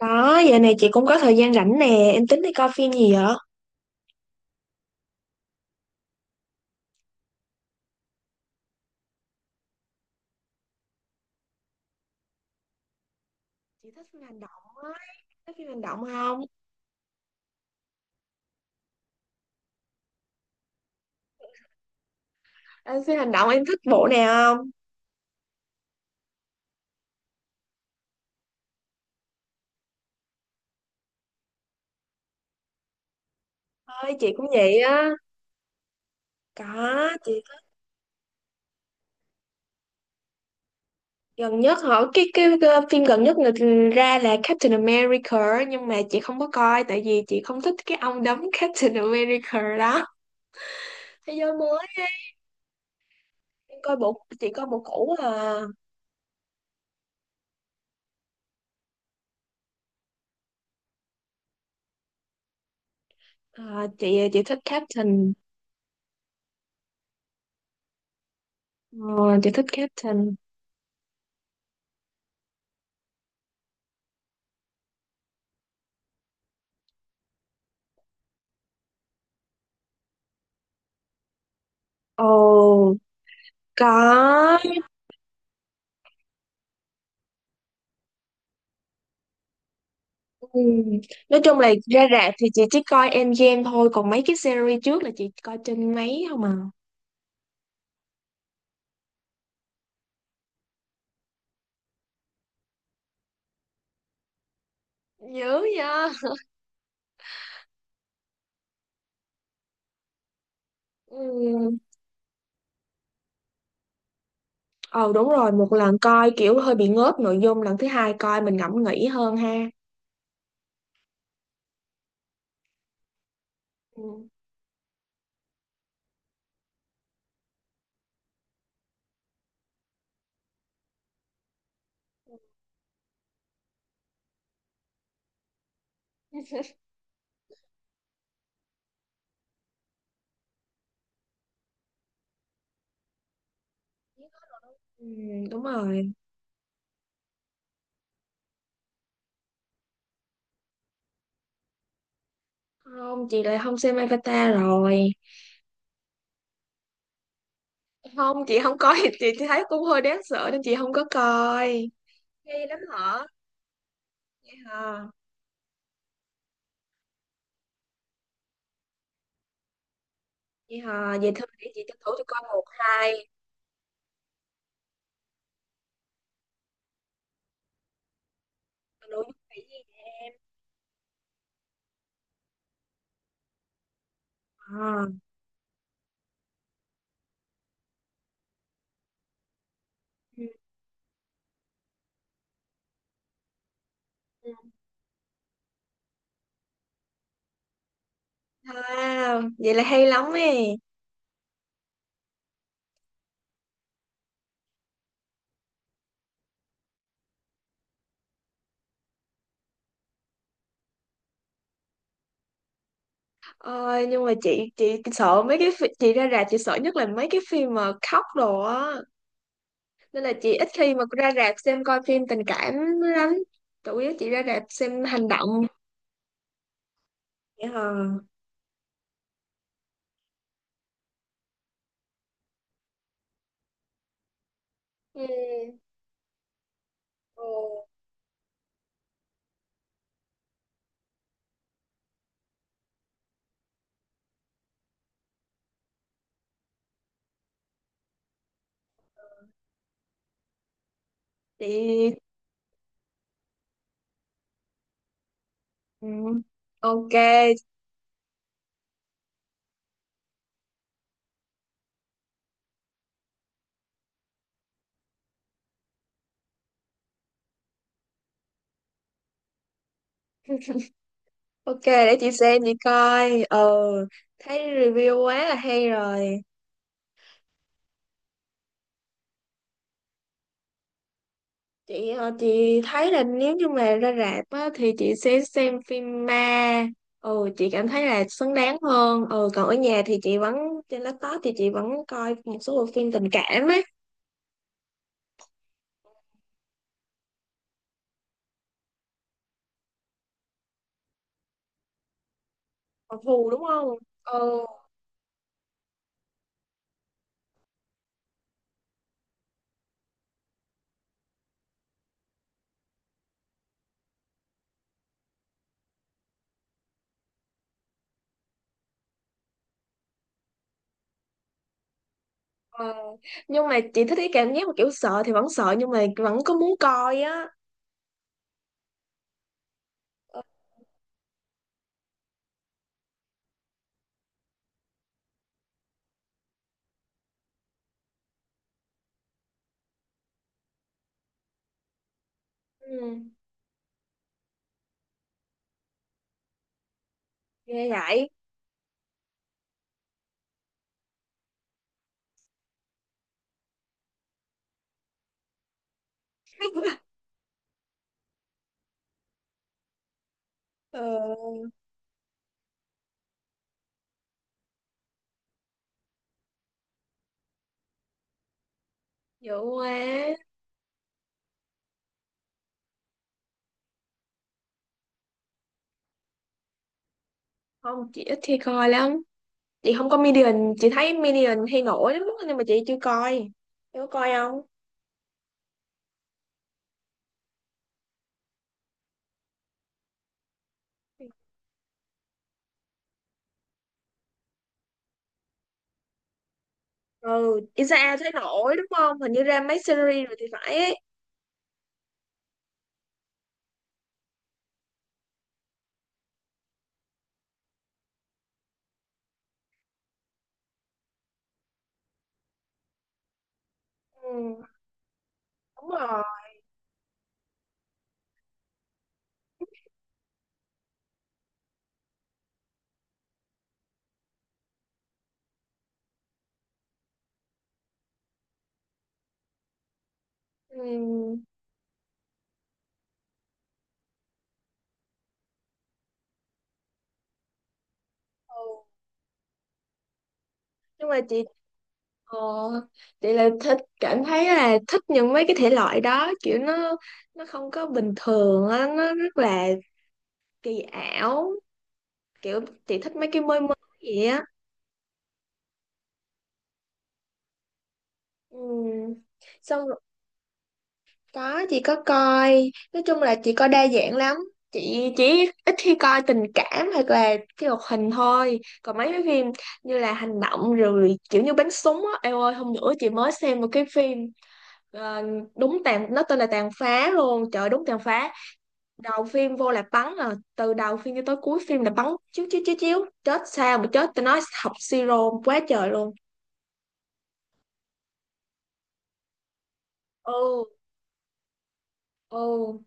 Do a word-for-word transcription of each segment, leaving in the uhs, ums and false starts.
Có, giờ này chị cũng có thời gian rảnh nè, em tính đi coi phim gì vậy? Chị thích phim hành động á, thích phim hành động không? Ờ, phim hành động em thích bộ nào không? Thôi chị cũng vậy á. Có, chị gần nhất hả? Cái, cái, cái phim gần nhất người ra là Captain America nhưng mà chị không có coi tại vì chị không thích cái ông đóng Captain America đó. Thế giới mới á, em coi bộ, chị coi bộ cũ à. Ờ, chị chị thích Captain. Ờ, chị thích Captain. Ồ, có. Ừ. Nói chung là ra rạp thì chị chỉ coi Endgame thôi, còn mấy cái series trước là chị coi trên máy không à. Dữ vậy. Ừ. Ờ đúng rồi, một lần coi kiểu hơi bị ngớp nội dung, lần thứ hai coi mình ngẫm nghĩ hơn ha. Ừ. Ừ, đúng rồi. Không, chị lại không xem Avatar rồi. Không, chị không coi, chị thấy cũng hơi đáng sợ nên chị không có coi. Ghê lắm hả? Vậy hả? Vậy hả, vậy thôi để chị tranh thủ cho coi một hai. Nội dung là gì vậy? À. Ừ. Ừ. Wow, vậy là hay lắm ấy. Ờ, nhưng mà chị chị sợ mấy cái phi- chị ra rạp chị sợ nhất là mấy cái phim mà khóc đồ á. Nên là chị ít khi mà ra rạp xem coi phim tình cảm lắm. Chủ yếu chị ra rạp xem hành động. Vậy hả? Ừ. Ừ. Chị ừ. Ok, ok, để chị xem chị coi. Ờ, thấy review quá là hay rồi. chị ờ, chị thấy là nếu như mà ra rạp á thì chị sẽ xem phim ma, ừ chị cảm thấy là xứng đáng hơn. Ừ, còn ở nhà thì chị vẫn, trên laptop thì chị vẫn coi một số bộ phim tình cảm ấy. Còn hù đúng không? Ừ. Ờ. Nhưng mà chị thích cái cảm giác mà kiểu sợ thì vẫn sợ nhưng mà vẫn có muốn coi á. Ừ. Nghe vậy. Ừ. Dữ quá. Không, chị ít khi coi lắm. Chị không có Minion, chị thấy Minion hay nổi lắm nhưng mà chị chưa coi. Chị có coi không? Ừ. Isaiah thấy nổi đúng không, hình như ra mấy series rồi thì phải ấy. Ừ, đúng rồi. Ừ. Ừ. Nhưng mà chị ờ, chị là thích, cảm thấy là thích những mấy cái thể loại đó, kiểu nó nó không có bình thường á, nó rất là kỳ ảo, kiểu chị thích mấy cái mới mới vậy á. Ừ. Xong. Có, chị có coi, nói chung là chị coi đa dạng lắm. Chị chỉ ít khi coi tình cảm hoặc là cái hoạt hình thôi. Còn mấy cái phim như là hành động rồi kiểu như bắn súng á, eo ơi hôm nữa chị mới xem một cái phim, ờ, đúng tàn nó tên là Tàn Phá luôn, trời ơi, đúng Tàn Phá. Đầu phim vô là bắn à, từ đầu phim cho tới cuối phim là bắn, chiếu chiếu chiếu chiếu, chết sao mà chết, tao nói học siro quá trời luôn. Ừ, ừ.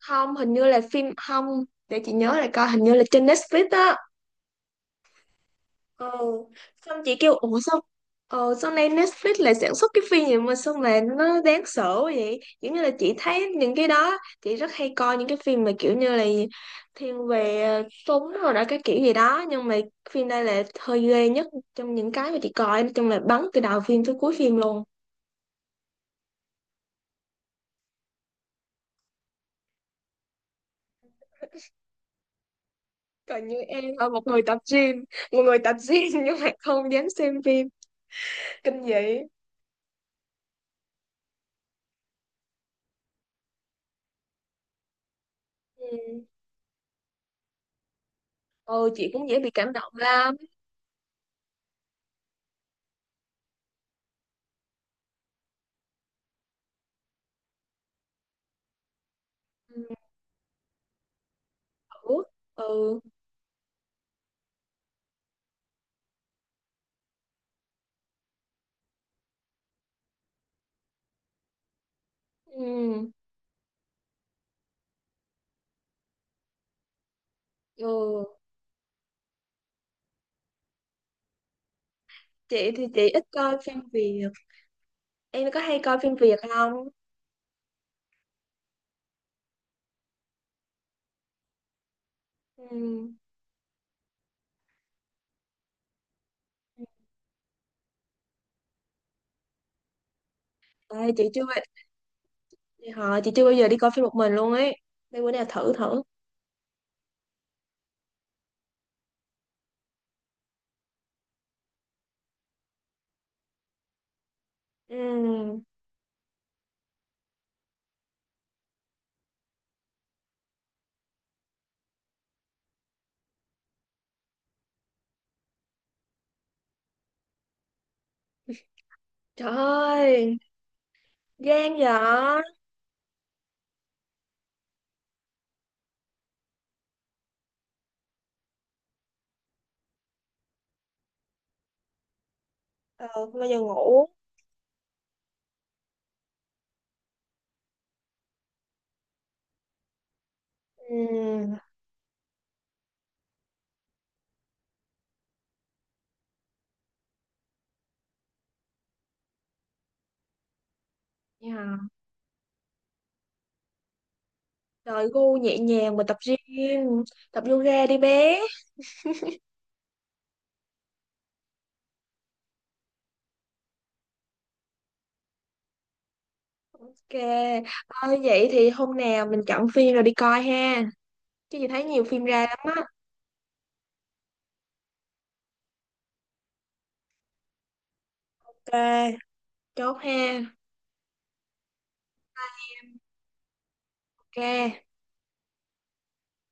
Không, hình như là phim, không, để chị nhớ lại coi, hình như là trên Netflix á. Ừ. Xong chị kêu ủa sao ờ sau này Netflix lại sản xuất cái phim gì mà sao mà nó đáng sợ quá vậy, giống như là chị thấy những cái đó, chị rất hay coi những cái phim mà kiểu như là thiên về ờ, súng rồi đó, cái kiểu gì đó, nhưng mà phim đây là hơi ghê nhất trong những cái mà chị coi, nói chung là bắn từ đầu phim tới cuối phim luôn. Còn như em là một người tập gym, một người tập gym nhưng mà không dám xem phim kinh dị. Ừ. Ừ, chị cũng dễ bị cảm động lắm. Ừ. Ừ. Ừ, ừ. Chị thì chị ít coi phim Việt. Em có hay coi phim Việt không? Ừ. Ê, chị chưa họ chị chưa bao giờ đi coi phim một mình luôn ấy, để bữa nào thử thử. Ừ. Trời ơi, gan vậy. Ờ, không bao giờ ngủ. Ừ. Yeah. Trời, gu nhẹ nhàng mà tập gym, tập yoga đi bé. Ok. Thôi vậy thì hôm nào mình chọn phim rồi đi coi ha, chứ chị thấy nhiều phim ra lắm á. Ok, chốt ha. Ok